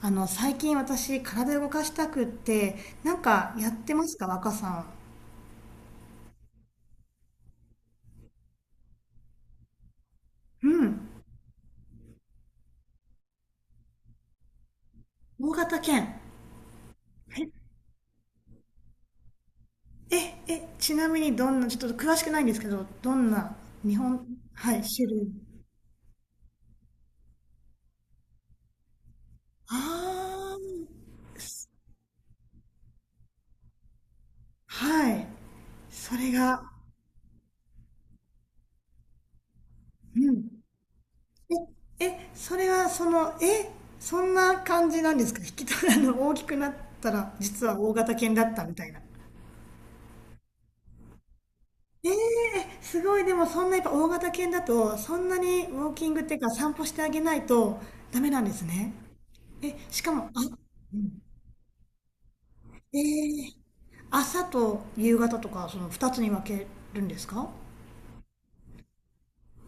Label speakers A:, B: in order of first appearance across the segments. A: 最近私、体動かしたくって、なんかやってますか、若さん。うん。大型犬。え、ちなみにどんな、ちょっと詳しくないんですけど、どんな、日本、はい、種類。ああ、はい。それが、うん。それはその、そんな感じなんですか、引き取らの大きくなったら、実は大型犬だったみたいな。ええ、すごい、でもそんなやっぱ大型犬だと、そんなにウォーキングっていうか散歩してあげないとダメなんですね。しかも、ええ、朝と夕方とか、その2つに分けるんですか？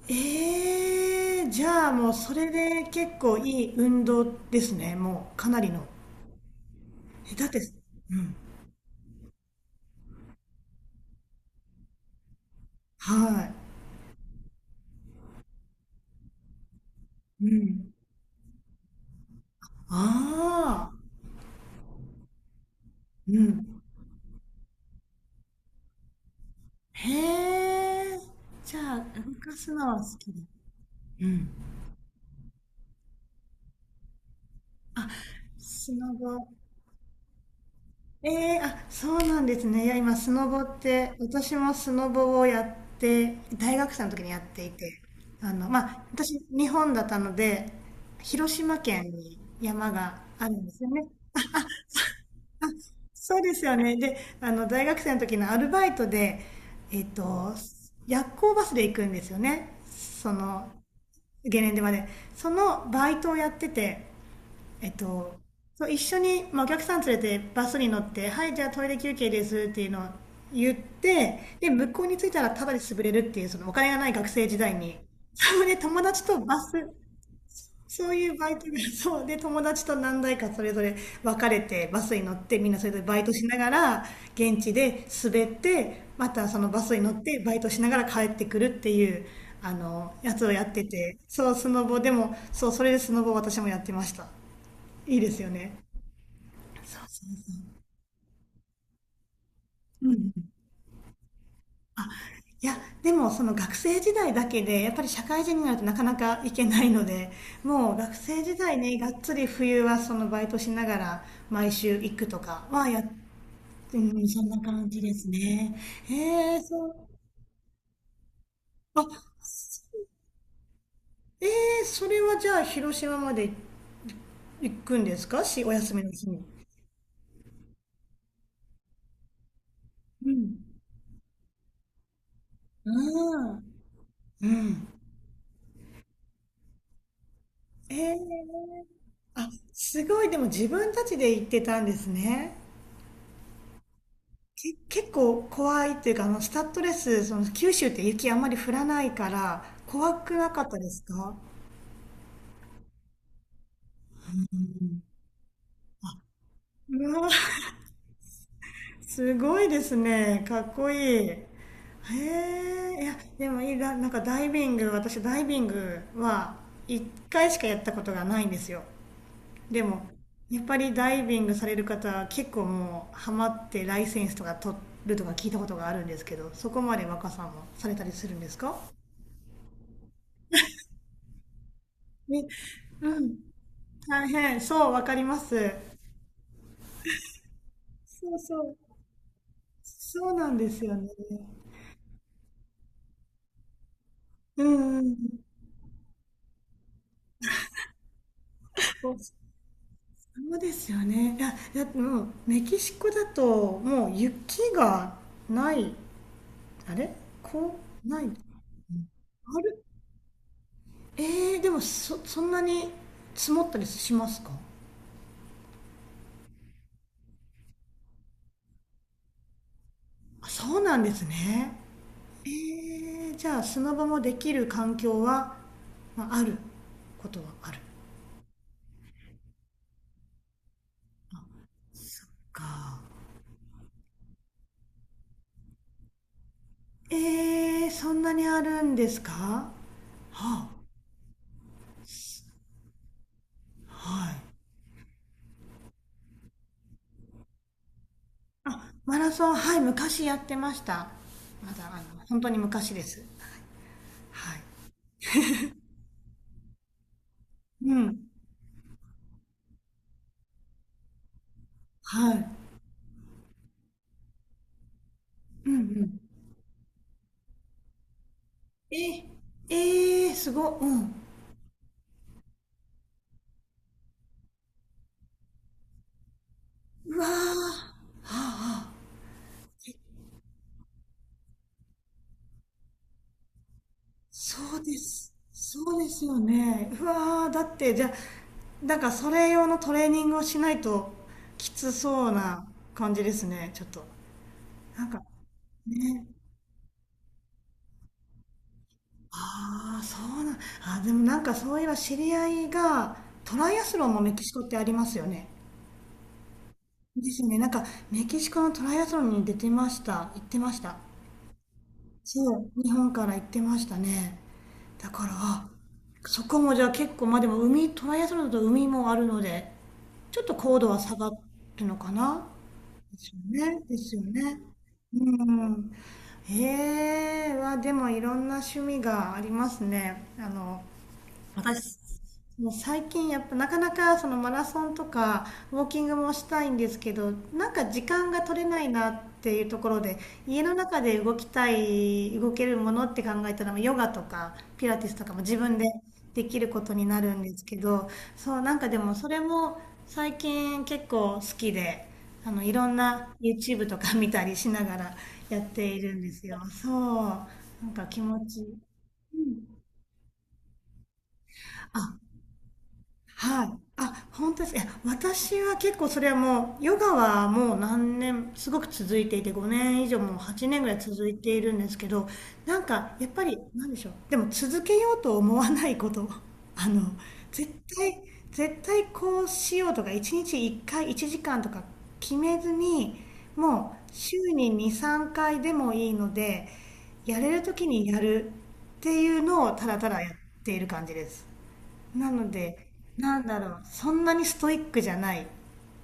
A: ええ、じゃあもうそれで結構いい運動ですね、もうかなりの。だって、はい。うん。ああ、うん。へえ。じゃあ、動かすのは好きだ。うん。あ、砂場。ええ、そうなんですね。いや、今、スノボって、私もスノボをやって、大学生の時にやっていて、まあ、私、日本だったので、広島県に山があるんですよね。そうですよね。で、大学生の時のアルバイトで、えっと、夜行バスで行くんですよね。その、ゲレンデまで。そのバイトをやってて、えっと、そう一緒に、まあ、お客さん連れてバスに乗って「はい、じゃあトイレ休憩です」っていうのを言って、で向こうに着いたらただで潰れるっていう、そのお金がない学生時代に、そうで友達とバス、そういうバイトが、そうで友達と何台かそれぞれ別れてバスに乗って、みんなそれぞれバイトしながら現地で滑って、またそのバスに乗ってバイトしながら帰ってくるっていう、あのやつをやってて、そうスノボでも、そう、それでスノボ私もやってました。いいですよね。うん。いや、でもその学生時代だけで、やっぱり社会人になるとなかなか行けないので、もう学生時代ね、がっつり冬はそのバイトしながら毎週行くとかはやっ、うん、そんな感じですね。えー、そう、あ、えー、それはじゃあ広島まで行くんですかし、お休みの日に。うん。ああ、うん。えー、あ、すごい、でも自分たちで行ってたんですね。け、結構怖いっていうか、スタッドレス、その、九州って雪あんまり降らないから、怖くなかったですか？うわ、すごいですね。かっこいい。へえ、いや、でもいいな、なんかダイビング、私ダイビングは1回しかやったことがないんですよ。でも、やっぱりダイビングされる方は結構もうハマってライセンスとか取るとか聞いたことがあるんですけど、そこまで若さんもされたりするんですか？ね、うん。大変、そう、わかります。そうそう、そうなんですよね。うん、うん、そうですよね。いや、いや、もう、メキシコだと、もう雪がない、あれ、こう、ない。ある、えー、でもそ、そんなに積もったりしますか？あ、そうなんですね。えー、じゃあ、砂場もできる環境は、まあ、あることはある。そっか。えー、そんなにあるんですか？はあ、はい。あ、マラソン、はい、昔やってました。まだ、本当に昔です。はい。うん。はい。うん、うん。え、えー、すご、うん。うわー、はあ、はあ、そうです。そうですよね。うわー、だって、じゃあ、なんかそれ用のトレーニングをしないときつそうな感じですね、ちょっと。なんか、ね。ああ、そうなん、あ、でもなんかそういえば知り合いが、トライアスロンもメキシコってありますよね。ですよね。なんかメキシコのトライアスロンに出てました。行ってました。そう、日本から行ってましたね。だから、あそこもじゃあ結構、まあでも海、トライアスロンだと海もあるので、ちょっと高度は下がるのかな、ですよね。ですよね。うん。ええ、はでもいろんな趣味がありますね。私、もう最近やっぱなかなかそのマラソンとかウォーキングもしたいんですけど、なんか時間が取れないなっていうところで、家の中で動きたい動けるものって考えたらヨガとかピラティスとかも自分でできることになるんですけど、そうなんかでもそれも最近結構好きで、いろんな YouTube とか見たりしながらやっているんですよ。そうなんか気持ちいい。はい。あ、本当ですか。いや、私は結構それはもう、ヨガはもう何年、すごく続いていて、5年以上もう8年ぐらい続いているんですけど、なんか、やっぱり、なんでしょう。でも続けようと思わないこと。あの、絶対、絶対こうしようとか、1日1回、1時間とか決めずに、もう週に2、3回でもいいので、やれる時にやるっていうのをただただやっている感じです。なので、なんだろう、そんなにストイックじゃない。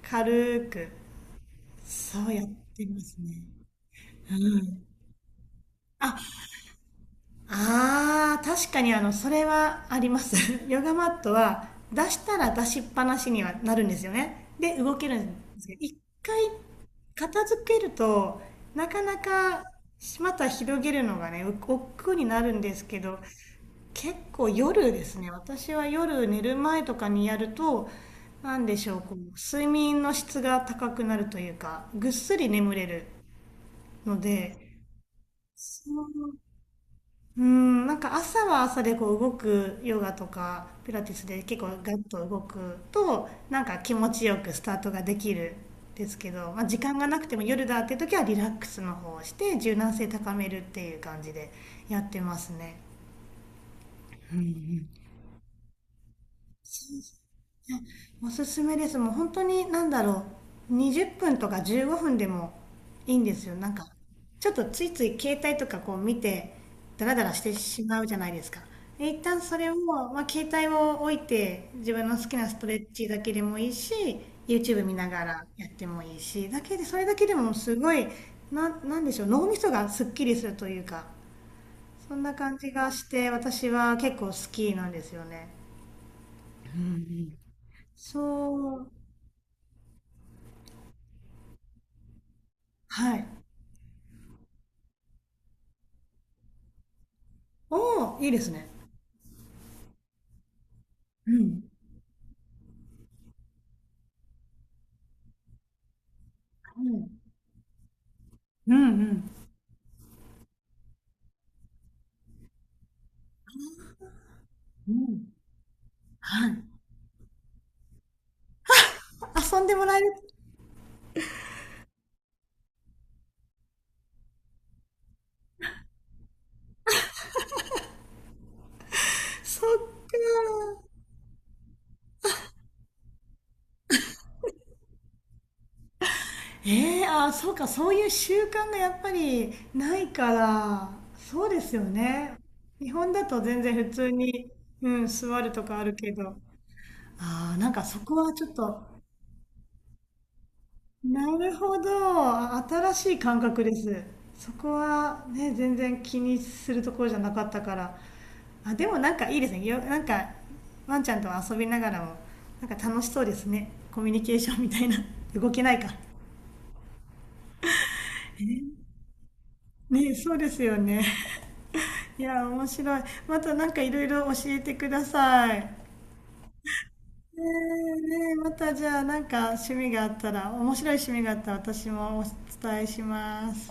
A: 軽く、そうやってますね。うん。あ、ああ、確かにそれはあります。ヨガマットは出したら出しっぱなしにはなるんですよね。で、動けるんですけど、一回片付けると、なかなかまた広げるのがね、お億劫になるんですけど、結構夜ですね。私は夜寝る前とかにやると、なんでしょう、こう、睡眠の質が高くなるというか、ぐっすり眠れるので、うん、なんか朝は朝でこう動くヨガとかピラティスで結構ガッと動くとなんか気持ちよくスタートができるんですけど、まあ、時間がなくても夜だっていう時はリラックスの方をして柔軟性高めるっていう感じでやってますね。おすすめです、もう本当に何だろう、20分とか15分でもいいんですよ。なんかちょっとついつい携帯とかこう見てダラダラしてしまうじゃないですか。で一旦それを、まあ、携帯を置いて自分の好きなストレッチだけでもいいし、 YouTube 見ながらやってもいいし、だけでそれだけでもすごい、な、なんでしょう、脳みそがすっきりするというか、そんな感じがして私は結構好きなんですよね。そう、はい、おお、いいですね。うん。うん。うん、うん、うん。はい。遊んでもらえる。そっか。ええ、あ、そうか、そういう習慣がやっぱりないから、そうですよね。日本だと全然普通に、うん、座るとかあるけど、ああ、なんかそこはちょっと、なるほど。新しい感覚です。そこはね、全然気にするところじゃなかったから。あ、でもなんかいいですね。よ、なんかワンちゃんと遊びながらも、なんか楽しそうですね。コミュニケーションみたいな。動けないか。ね、そうですよね。いや、面白い。またなんかいろいろ教えてください。ねえ、ねえ、またじゃあなんか趣味があったら、面白い趣味があったら私もお伝えします。